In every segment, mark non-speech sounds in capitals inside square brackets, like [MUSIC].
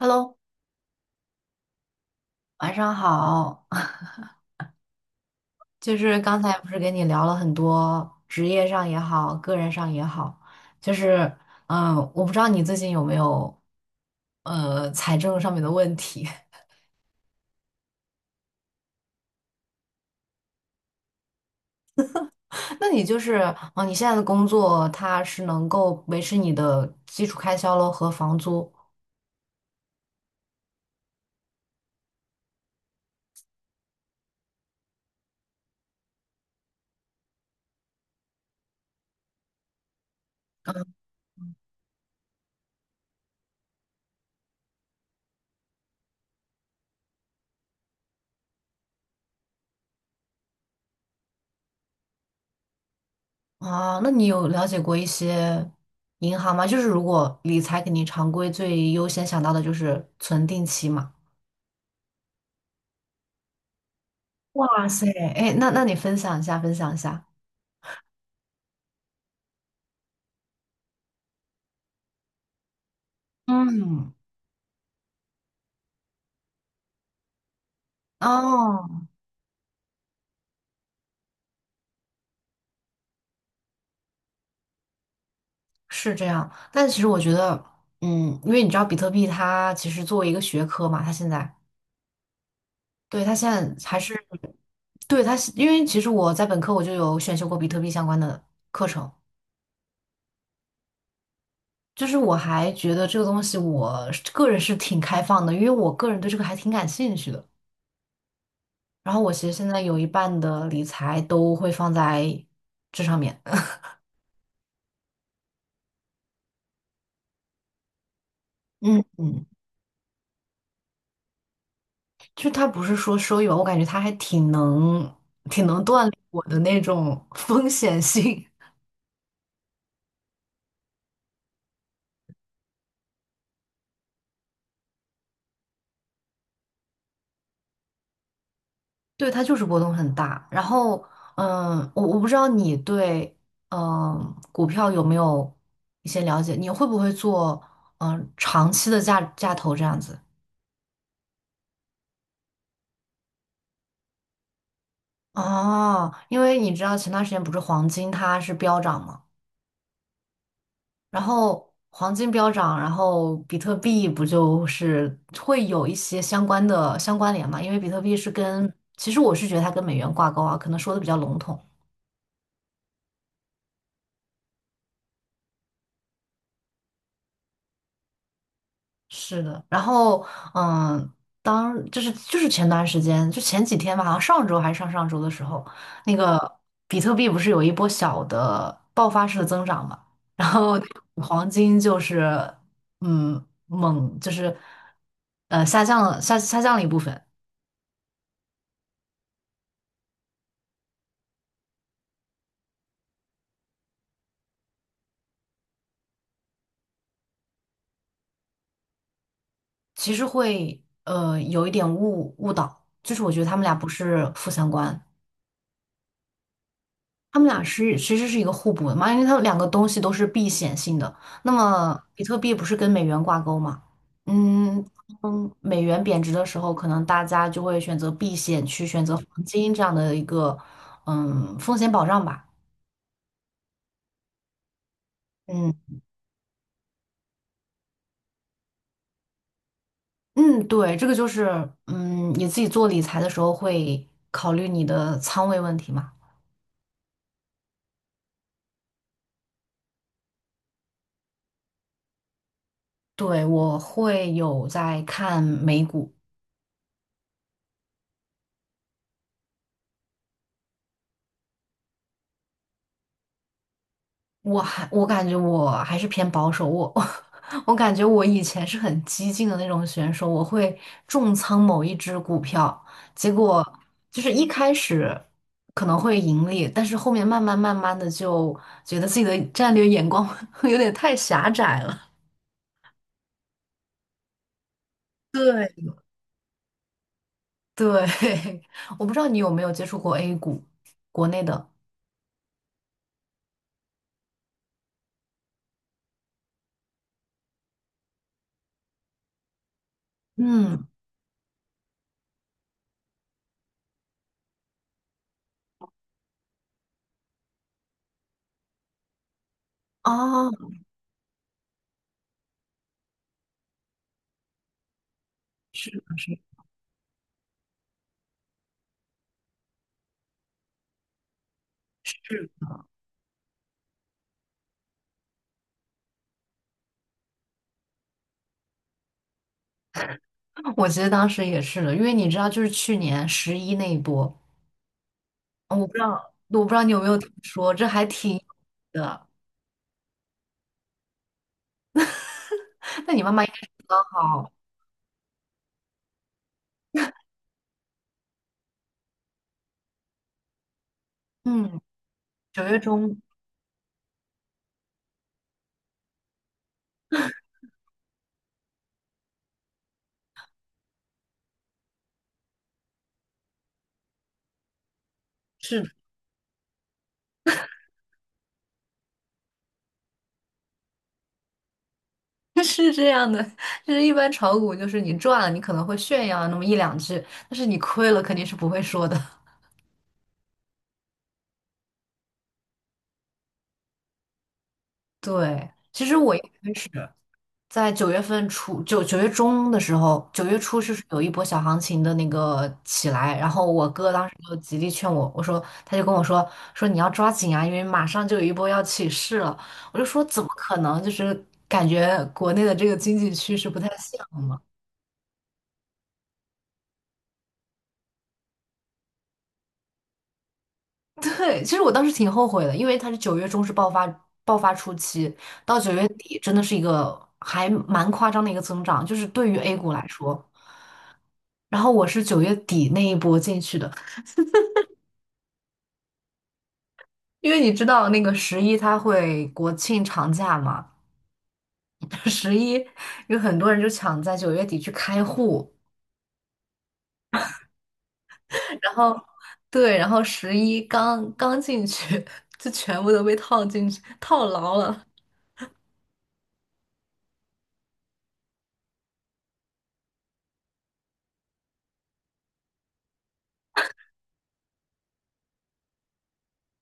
Hello，晚上好。[LAUGHS] 就是刚才不是跟你聊了很多职业上也好，个人上也好，就是我不知道你最近有没有财政上面的问题。[LAUGHS] 那你就是哦，你现在的工作它是能够维持你的基础开销咯和房租啊？那你有了解过一些银行吗？就是如果理财，肯定常规最优先想到的就是存定期嘛。哇塞，哎，那你分享一下，分享一下。嗯，哦，是这样。但其实我觉得，嗯，因为你知道比特币它其实作为一个学科嘛，它现在，对，它现在还是，对，它是，因为其实我在本科我就有选修过比特币相关的课程，就是我还觉得这个东西我是个人是挺开放的，因为我个人对这个还挺感兴趣的。然后我其实现在有一半的理财都会放在这上面。[LAUGHS] 嗯嗯。就他不是说收益吧，我感觉他还挺能锻炼我的那种 [LAUGHS] 风险性。对，它就是波动很大。然后，嗯，我不知道你对嗯股票有没有一些了解，你会不会做长期的价投这样子？哦，因为你知道前段时间不是黄金它是飙涨吗？然后黄金飙涨，然后比特币不就是会有一些相关联嘛？因为比特币是跟，其实我是觉得它跟美元挂钩啊，可能说的比较笼统。是的，然后嗯，当就是就是前段时间，就前几天吧，好像上周还是上上周的时候，那个比特币不是有一波小的爆发式的增长嘛？然后黄金就是嗯猛就是下降了一部分。其实会有一点误导，就是我觉得他们俩不是负相关，他们俩其实是一个互补的嘛，因为它们两个东西都是避险性的。那么比特币不是跟美元挂钩嘛？嗯嗯，美元贬值的时候，可能大家就会选择避险，去选择黄金这样的一个风险保障吧。嗯嗯，对，这个就是你自己做理财的时候会考虑你的仓位问题嘛。对，我会有在看美股，我感觉我还是偏保守，我 [LAUGHS] 我感觉我以前是很激进的那种选手，我会重仓某一只股票，结果就是一开始可能会盈利，但是后面慢慢慢慢的就觉得自己的战略眼光 [LAUGHS] 有点太狭窄了。对，对，[LAUGHS] 我不知道你有没有接触过 A 股，国内的，嗯，哦，是的是的。是我其实当时也是的，因为你知道，就是去年十一那一波，我不知道你有没有听说，这还挺的。那你妈妈应该是好，嗯，九月中是的 [LAUGHS] 是这样的，就是一般炒股就是你赚了，你可能会炫耀那么一两句，但是你亏了肯定是不会说的。[LAUGHS] 对，其实我一开始。在九月份初，九月中的时候，九月初是有一波小行情的那个起来，然后我哥当时就极力劝我，他就跟我说说你要抓紧啊，因为马上就有一波要起势了。我就说怎么可能？就是感觉国内的这个经济趋势不太像嘛。[LAUGHS] 对，其实我当时挺后悔的，因为它是九月中是爆发初期，到九月底真的是一个还蛮夸张的一个增长，就是对于 A 股来说。然后我是九月底那一波进去的，因为你知道那个十一它会国庆长假嘛，[LAUGHS] 十一有很多人就抢在九月底去开户，然后对，然后十一刚刚进去 [LAUGHS] 就全部都被套进去套牢了，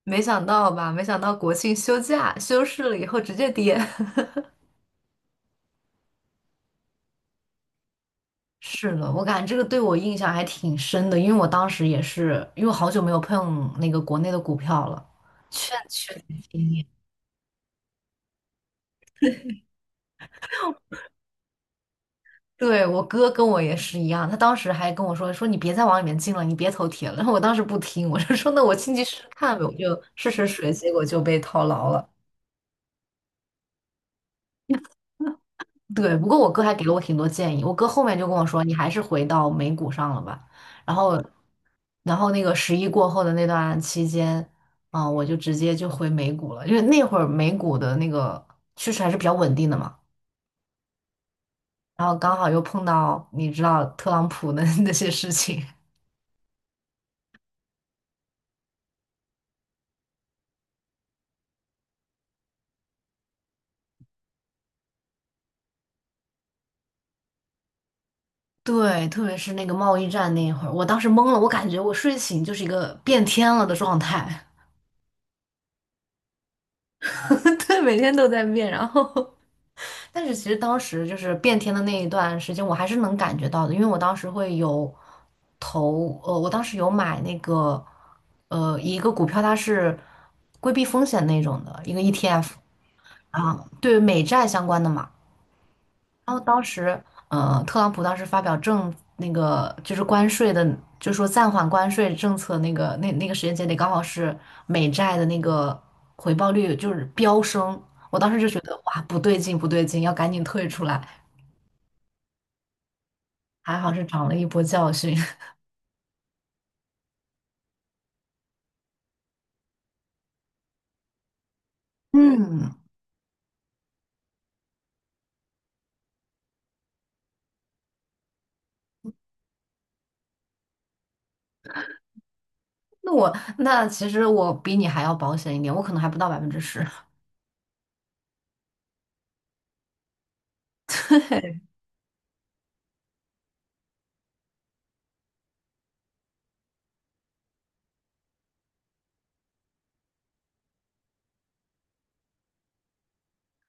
没想到吧？没想到国庆休假休市了以后直接跌。[LAUGHS] 是的，我感觉这个对我印象还挺深的，因为我当时也是，因为我好久没有碰那个国内的股票了，券圈。对，我哥跟我也是一样，他当时还跟我说说你别再往里面进了，你别投铁了。然后我当时不听，我就说那我进去试试看呗，我就试试水，结果就被套牢了。对，不过我哥还给了我挺多建议，我哥后面就跟我说你还是回到美股上了吧。然后，然后那个十一过后的那段期间，啊、我就直接就回美股了，因为那会儿美股的那个趋势还是比较稳定的嘛。然后刚好又碰到你知道特朗普的 [LAUGHS] 那些事情。对，特别是那个贸易战那一会儿，我当时懵了，我感觉我睡醒就是一个变天了的状态，[LAUGHS] 对，每天都在变。然后，但是其实当时就是变天的那一段时间，我还是能感觉到的，因为我当时有买那个，一个股票，它是规避风险那种的一个 ETF 啊，对美债相关的嘛。然后当时，特朗普当时发表那个就是关税的，就说暂缓关税政策那个时间节点，刚好是美债的那个回报率就是飙升。我当时就觉得哇，不对劲，不对劲，要赶紧退出来。还好是长了一波教训。[LAUGHS] 嗯，那其实我比你还要保险一点，我可能还不到10%。[LAUGHS] 对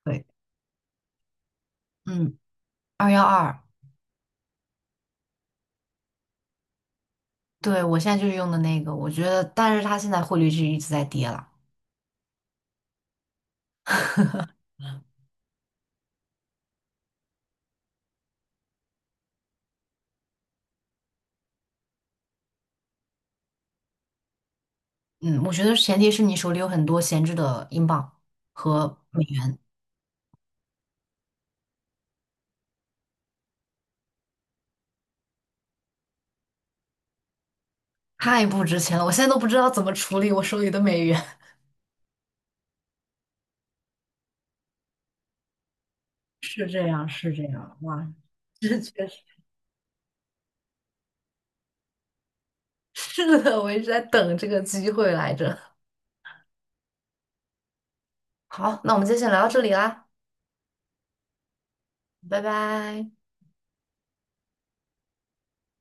对，嗯，二幺二，对我现在就是用的那个，我觉得，但是它现在汇率就一直在跌了。[LAUGHS] 嗯，我觉得前提是你手里有很多闲置的英镑和美元，太不值钱了，我现在都不知道怎么处理我手里的美元。[LAUGHS] 是这样，是这样，哇，这确实是的，我一直在等这个机会来着。好，那我们今天先聊到这里啦，拜拜。